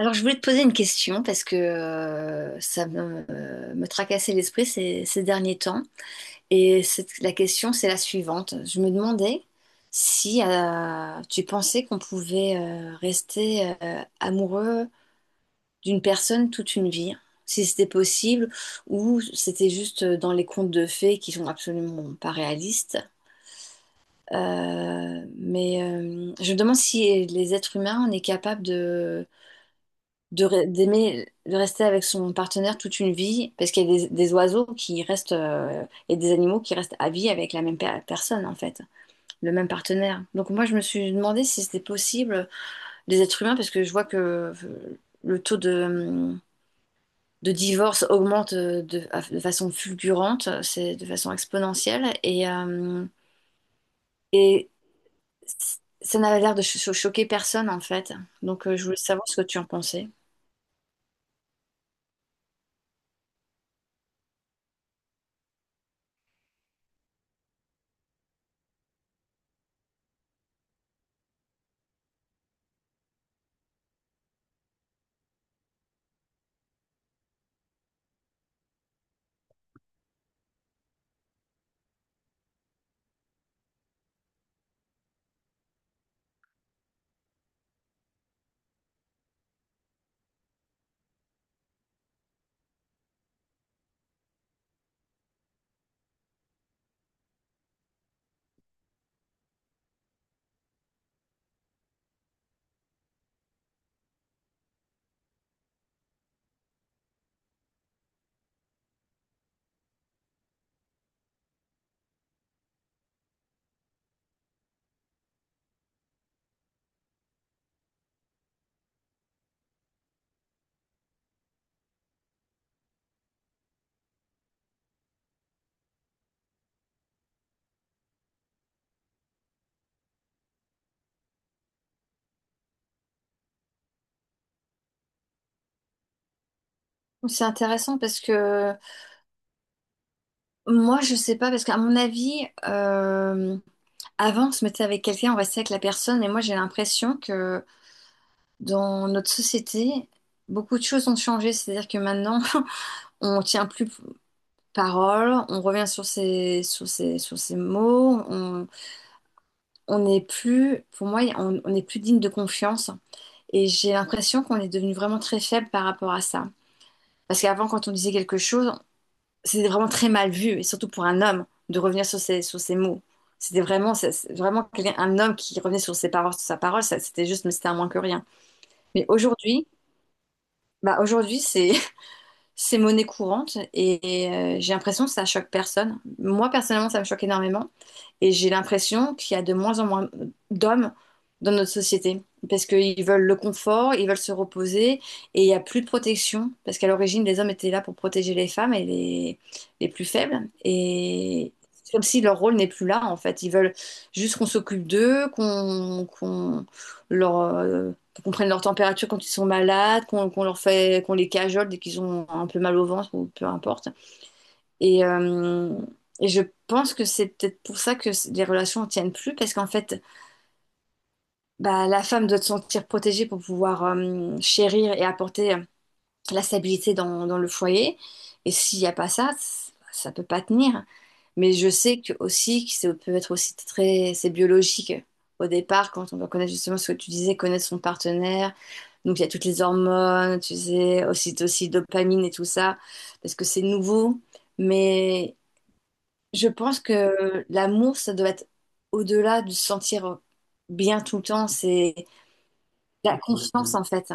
Alors, je voulais te poser une question parce que ça me, me tracassait l'esprit ces derniers temps. La question, c'est la suivante. Je me demandais si tu pensais qu'on pouvait rester amoureux d'une personne toute une vie, si c'était possible, ou c'était juste dans les contes de fées qui sont absolument pas réalistes. Je me demande si les êtres humains, on est capable d'aimer de rester avec son partenaire toute une vie parce qu'il y a des oiseaux qui restent et des animaux qui restent à vie avec la même personne, en fait le même partenaire. Donc moi je me suis demandé si c'était possible les êtres humains, parce que je vois que le taux de divorce augmente de façon fulgurante, c'est de façon exponentielle. Et c- Ça n'avait l'air de choquer personne en fait. Donc je voulais savoir ce que tu en pensais. C'est intéressant parce que moi, je sais pas, parce qu'à mon avis, avant, on se mettait avec quelqu'un, on restait avec la personne, et moi, j'ai l'impression que dans notre société, beaucoup de choses ont changé. C'est-à-dire que maintenant, on tient plus parole, on revient sur ses mots, on n'est plus, pour moi, on n'est plus digne de confiance. Et j'ai l'impression qu'on est devenu vraiment très faible par rapport à ça. Parce qu'avant, quand on disait quelque chose, c'était vraiment très mal vu, et surtout pour un homme, de revenir sur ses mots. C'était vraiment, c'est vraiment un homme qui revenait sur ses paroles, sur sa parole, ça, c'était juste, mais c'était un moins que rien. Mais aujourd'hui, bah aujourd'hui, c'est, c'est monnaie courante et, j'ai l'impression que ça choque personne. Moi, personnellement, ça me choque énormément. Et j'ai l'impression qu'il y a de moins en moins d'hommes dans notre société parce qu'ils veulent le confort, ils veulent se reposer, et il n'y a plus de protection, parce qu'à l'origine, les hommes étaient là pour protéger les femmes et les plus faibles. Et c'est comme si leur rôle n'est plus là en fait. Ils veulent juste qu'on s'occupe d'eux, qu'on leur, qu'on prenne leur température quand ils sont malades, qu'on leur fait, qu'on les cajole dès qu'ils ont un peu mal au ventre ou peu importe. Et, je pense que c'est peut-être pour ça les relations ne tiennent plus, parce qu'en fait, bah, la femme doit se sentir protégée pour pouvoir chérir et apporter la stabilité dans le foyer. Et s'il n'y a pas ça, ça peut pas tenir. Mais je sais que aussi, que ça peut être aussi très, c'est biologique. Au départ, quand on doit connaître justement ce que tu disais, connaître son partenaire, donc il y a toutes les hormones, tu sais, aussi dopamine et tout ça, parce que c'est nouveau. Mais je pense que l'amour, ça doit être au-delà de se sentir bien tout le temps. C'est la confiance, en fait.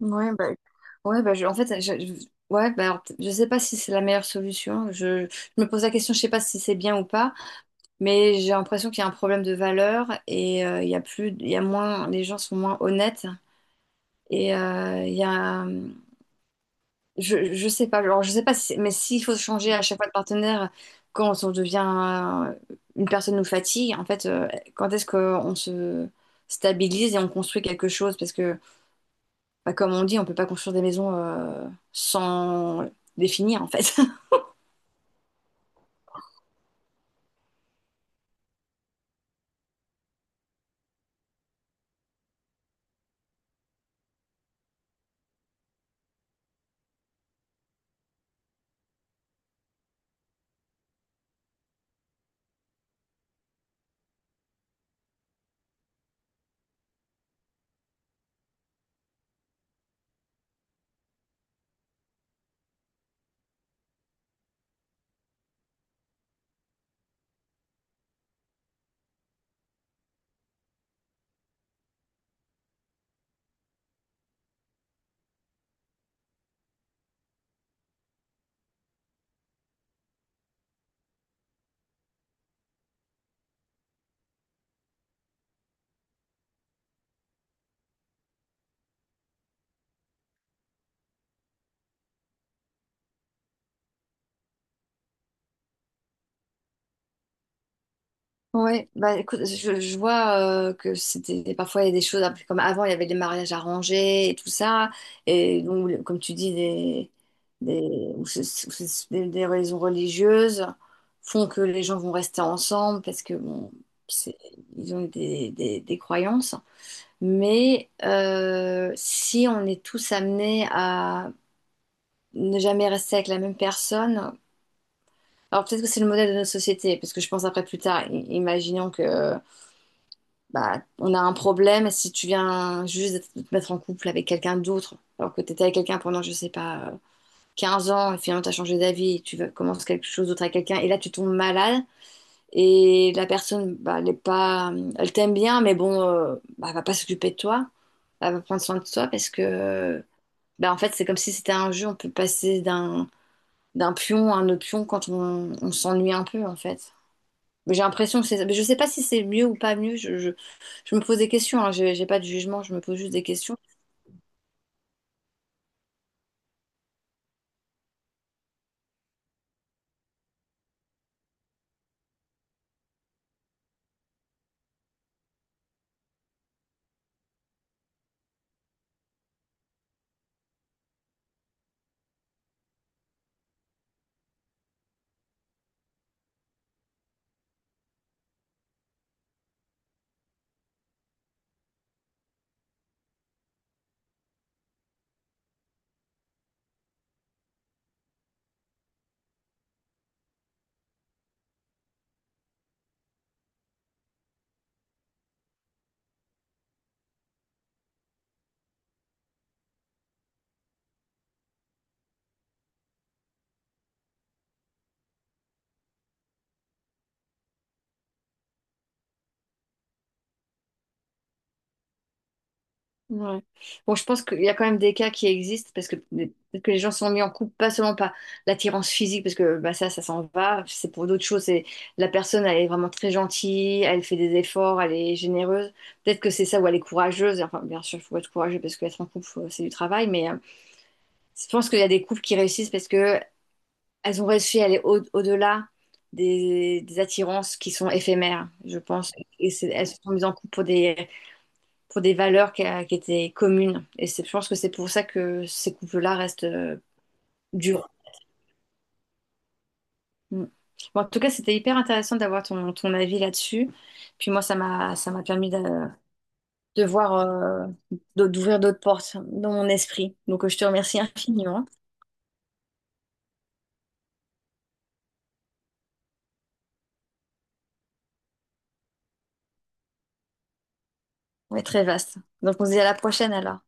Ouais, bah, ouais, bah, je- en fait, je- ouais, bah, alors, je sais pas si c'est la meilleure solution. Je me pose la question, je sais pas si c'est bien ou pas, mais j'ai l'impression qu'il y a un problème de valeur et il y a plus, il y a moins, les gens sont moins honnêtes et il y a, je sais pas, alors je sais pas, si, mais s'il faut changer à chaque fois de partenaire quand on devient une personne nous fatigue, en fait, quand est-ce qu'on se stabilise et on construit quelque chose? Parce que, bah, comme on dit, on peut pas construire des maisons sans les finir, en fait. Ouais, bah écoute, je vois que c'était parfois, il y a des choses après, comme avant il y avait des mariages arrangés et tout ça, et donc comme tu dis des, ou c'est- des raisons religieuses font que les gens vont rester ensemble, parce que bon c'est- ils ont des croyances, mais si on est tous amenés à ne jamais rester avec la même personne, alors peut-être que c'est le modèle de notre société. Parce que je pense après plus tard, imaginons que bah, on a un problème si tu viens juste de te mettre en couple avec quelqu'un d'autre, alors que tu étais avec quelqu'un pendant, je sais pas, 15 ans, et finalement tu as changé d'avis, et commences quelque chose d'autre avec quelqu'un, et là tu tombes malade, et la personne, bah, elle est pas, elle t'aime bien, mais bon, bah, elle va pas s'occuper de toi, elle va prendre soin de toi, parce que, bah, en fait, c'est comme si c'était un jeu, on peut passer d'un d'un pion à un autre pion quand on s'ennuie un peu, en fait. Mais j'ai l'impression que c'est, mais je sais pas si c'est mieux ou pas mieux, je me pose des questions, hein, j'ai pas de jugement, je me pose juste des questions. Ouais. Bon, je pense qu'il y a quand même des cas qui existent, parce que peut-être que les gens se sont mis en couple, pas seulement par l'attirance physique, parce que bah, ça s'en va, c'est pour d'autres choses. C'est la personne, elle est vraiment très gentille, elle fait des efforts, elle est généreuse. Peut-être que c'est ça, ou elle est courageuse. Enfin, bien sûr, il faut être courageux parce qu'être en couple, c'est du travail, mais je pense qu'il y a des couples qui réussissent parce que elles ont réussi à aller au-delà des attirances qui sont éphémères, je pense. Elles se sont mises en couple pour des valeurs qui étaient communes. Je pense que c'est pour ça que ces couples-là restent durs. Mm. Bon, en tout cas, c'était hyper intéressant d'avoir ton avis là-dessus. Puis moi, ça m'a permis de voir, d'ouvrir d'autres portes dans mon esprit. Donc, je te remercie infiniment. Ouais, très vaste. Donc, on se dit à la prochaine alors.